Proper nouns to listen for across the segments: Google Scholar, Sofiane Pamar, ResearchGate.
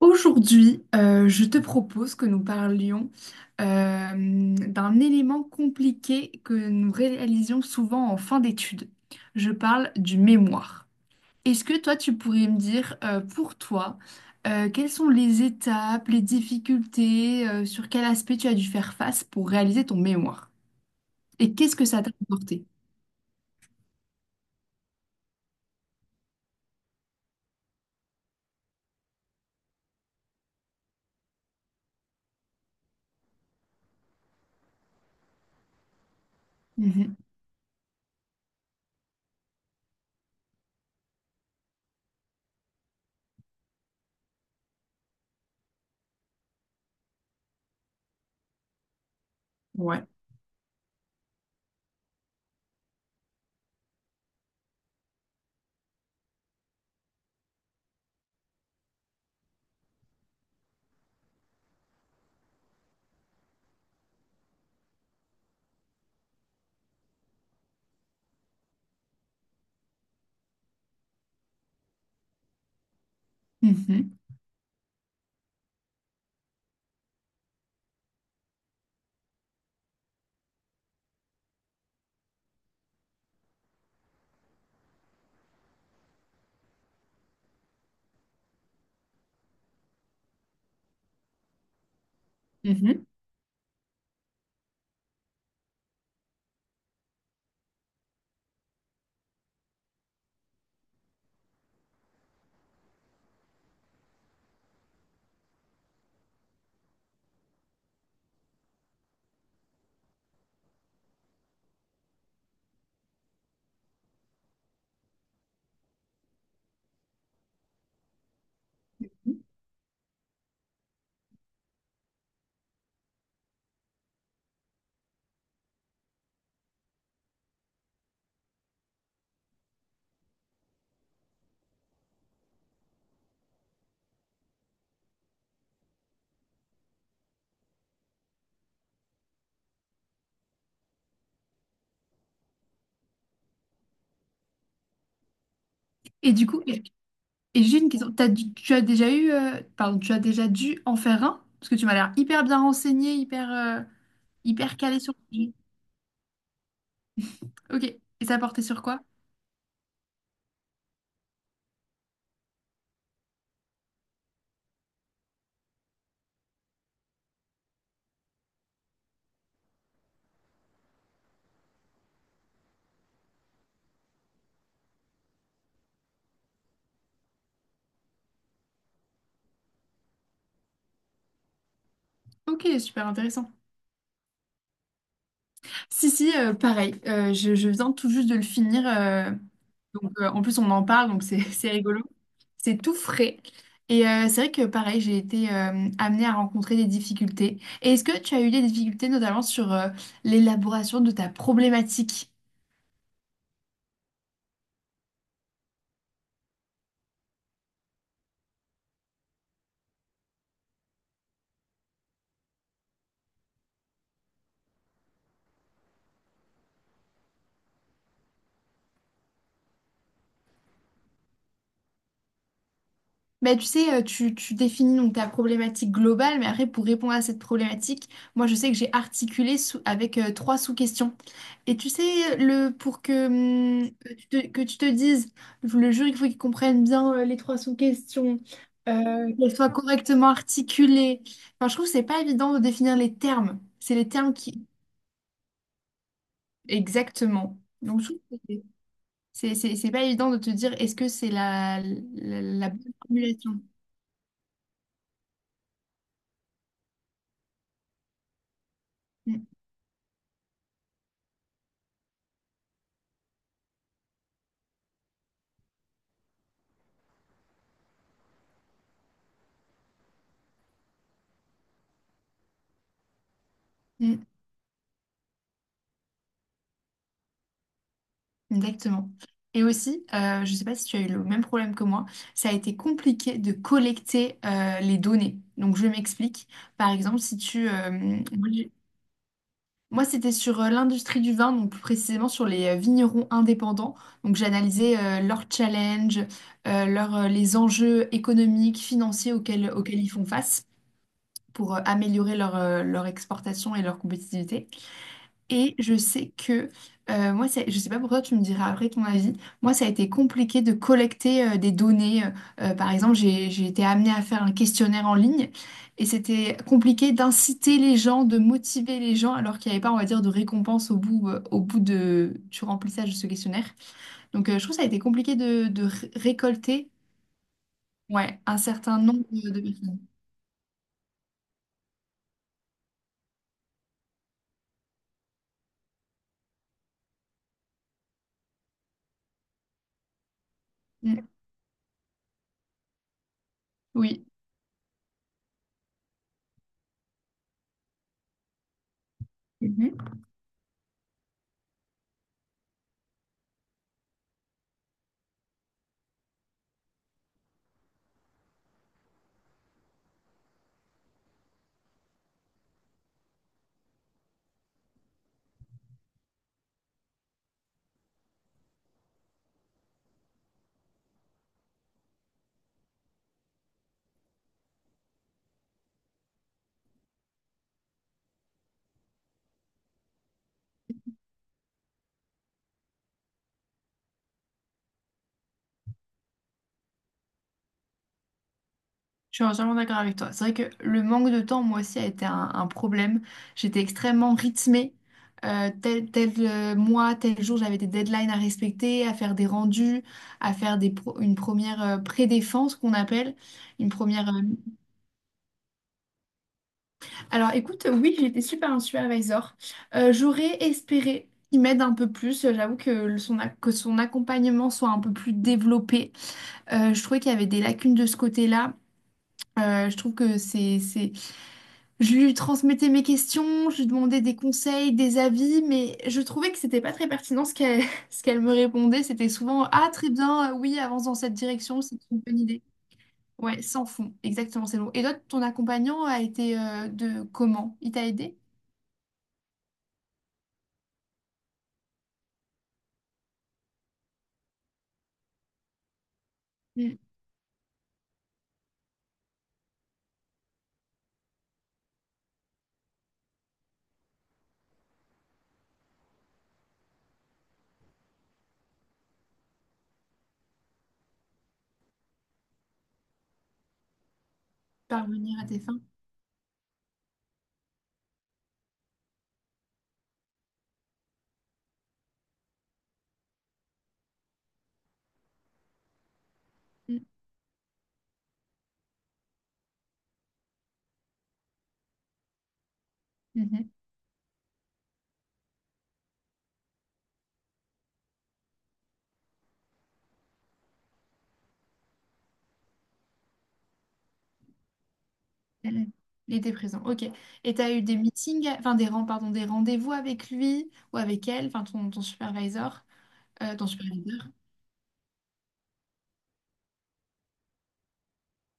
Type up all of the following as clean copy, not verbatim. Aujourd'hui, je te propose que nous parlions euh, d'un élément compliqué que nous réalisions souvent en fin d'études. Je parle du mémoire. Est-ce que toi, tu pourrais me dire, pour toi, quelles sont les étapes, les difficultés, sur quel aspect tu as dû faire face pour réaliser ton mémoire? Et qu'est-ce que ça t'a apporté? Mhm. Ouais. Mhm. Mhm. Et du coup, et j'ai une question. Tu as déjà eu, pardon, tu as déjà dû en faire un? Parce que tu m'as l'air hyper bien renseigné, hyper, hyper calé sur le sujet. Ok. Et ça portait sur quoi? Ok, super intéressant. Si, si, pareil. Je viens tout juste de le finir. Donc, en plus, on en parle, donc c'est c'est rigolo. C'est tout frais. Et c'est vrai que, pareil, j'ai été amenée à rencontrer des difficultés. Et est-ce que tu as eu des difficultés, notamment sur l'élaboration de ta problématique? Bah, tu sais, tu définis donc ta problématique globale, mais après, pour répondre à cette problématique, moi, je sais que j'ai avec trois sous-questions. Et tu sais, pour que, hum, que tu te dises, le jury, il faut qu'il comprenne bien les trois sous-questions, qu'elles soient correctement articulées. Enfin, je trouve que c'est pas évident de définir les termes. C'est les termes qui... Exactement. Donc, je trouve que c'est pas évident de te dire est-ce que c'est la bonne formulation. Mm, mm. Exactement. Et aussi, je ne sais pas si tu as eu le même problème que moi, ça a été compliqué de collecter les données. Donc, je m'explique. Par exemple, si moi, moi, c'était sur l'industrie du vin, donc plus précisément sur les vignerons indépendants. Donc, j'analysais leurs challenges, les enjeux économiques, financiers auxquels ils font face pour améliorer leur exportation et leur compétitivité. Et je sais que, moi, je sais pas pourquoi, tu me diras après ton avis, moi, ça a été compliqué de collecter des données. Par exemple, j'ai été amenée à faire un questionnaire en ligne et c'était compliqué d'inciter les gens, de motiver les gens alors qu'il n'y avait pas, on va dire, de récompense au bout du remplissage de ce questionnaire. Donc, je trouve que ça a été compliqué récolter, ouais, un certain nombre de personnes. Mm. Oui. Mm-hmm. Je suis entièrement d'accord avec toi. C'est vrai que le manque de temps, moi aussi, a été un problème. J'étais extrêmement rythmée. Tel mois, tel jour, j'avais des deadlines à respecter, à faire des rendus, à faire une première pré-défense qu'on appelle. Une première. Alors écoute, oui, j'étais super un supervisor. J'aurais espéré qu'il m'aide un peu plus. J'avoue que que son accompagnement soit un peu plus développé. Je trouvais qu'il y avait des lacunes de ce côté-là. Je trouve que je lui transmettais mes questions, je lui demandais des conseils, des avis, mais je trouvais que c'était pas très pertinent ce qu'elle ce qu'elle me répondait. C'était souvent: ah, très bien, oui, avance dans cette direction, c'est une bonne idée. Ouais, sans fond, exactement, c'est long. Et toi, ton accompagnant a été de comment? Il t'a aidé? Mm. Parvenir à tes fins? Mm. Mhm. Mhm. Il était présent, ok. Et t'as eu des meetings, enfin pardon, des rendez-vous avec lui ou avec elle, enfin ton supervisor, ton superviseur.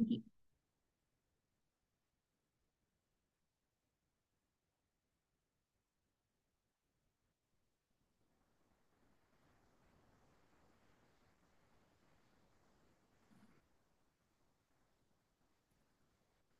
Ok.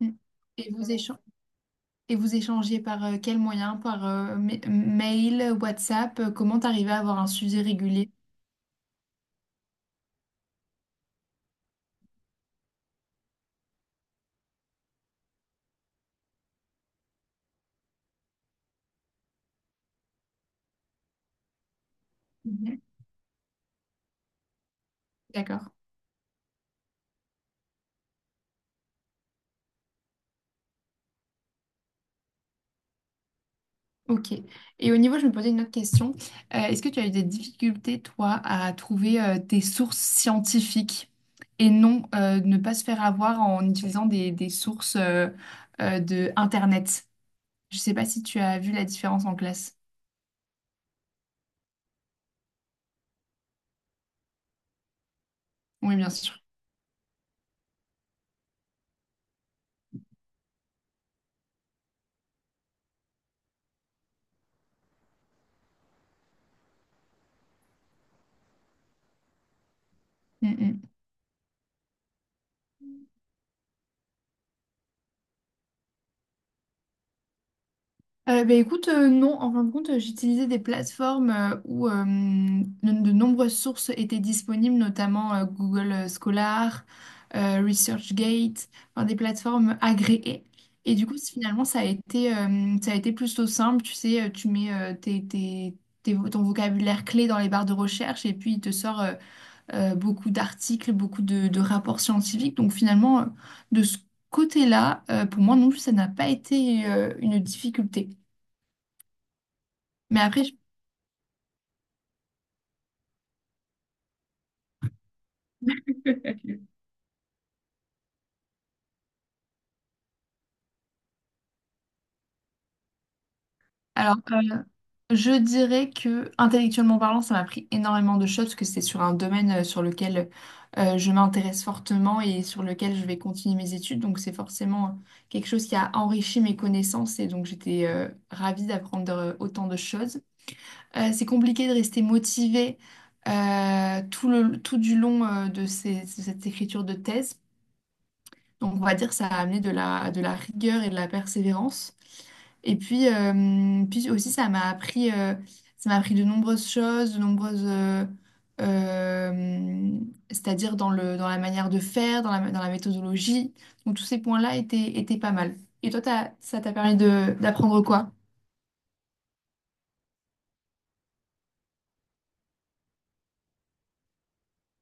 Mm. Et vos échanges, et vous échangez par quel moyen? Par mail, WhatsApp? Comment t'arrives à avoir un sujet régulier? Mhm. D'accord. Ok. Et au niveau, je me posais une autre question. Est-ce que tu as eu des difficultés, toi, à trouver des sources scientifiques et non ne pas se faire avoir en utilisant des sources de Internet? Je ne sais pas si tu as vu la différence en classe. Oui, bien sûr. Mm, mm. Bah, écoute, non, en fin de compte, j'utilisais des plateformes de nombreuses sources étaient disponibles, notamment Google Scholar, ResearchGate, enfin, des plateformes agréées. Et du coup, finalement, ça a été plutôt simple. Tu sais, tu mets ton vocabulaire clé dans les barres de recherche et puis il te sort beaucoup d'articles, beaucoup de rapports scientifiques. Donc finalement, de ce côté-là, pour moi non plus, ça n'a pas été une difficulté. Mais après, alors, je dirais que intellectuellement parlant, ça m'a pris énormément de choses parce que c'est sur un domaine sur lequel je m'intéresse fortement et sur lequel je vais continuer mes études. Donc, c'est forcément quelque chose qui a enrichi mes connaissances et donc j'étais ravie d'apprendre autant de choses. C'est compliqué de rester motivé tout du long de cette écriture de thèse. Donc, on va dire que ça a amené de la rigueur et de la persévérance. Et puis, puis aussi, ça m'a appris de nombreuses choses, euh, c'est-à-dire dans la manière de faire, dans la méthodologie. Donc, tous ces points-là étaient pas mal. Et toi, ça t'a permis d'apprendre quoi?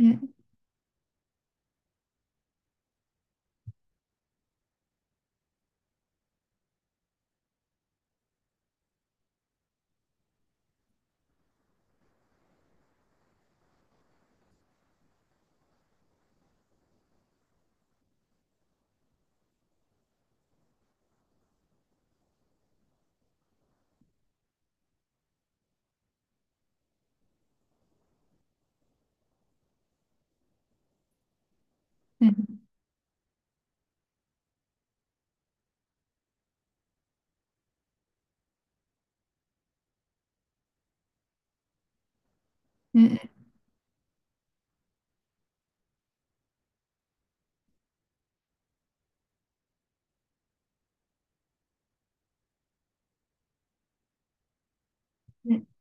Mm, mm, mm, mm.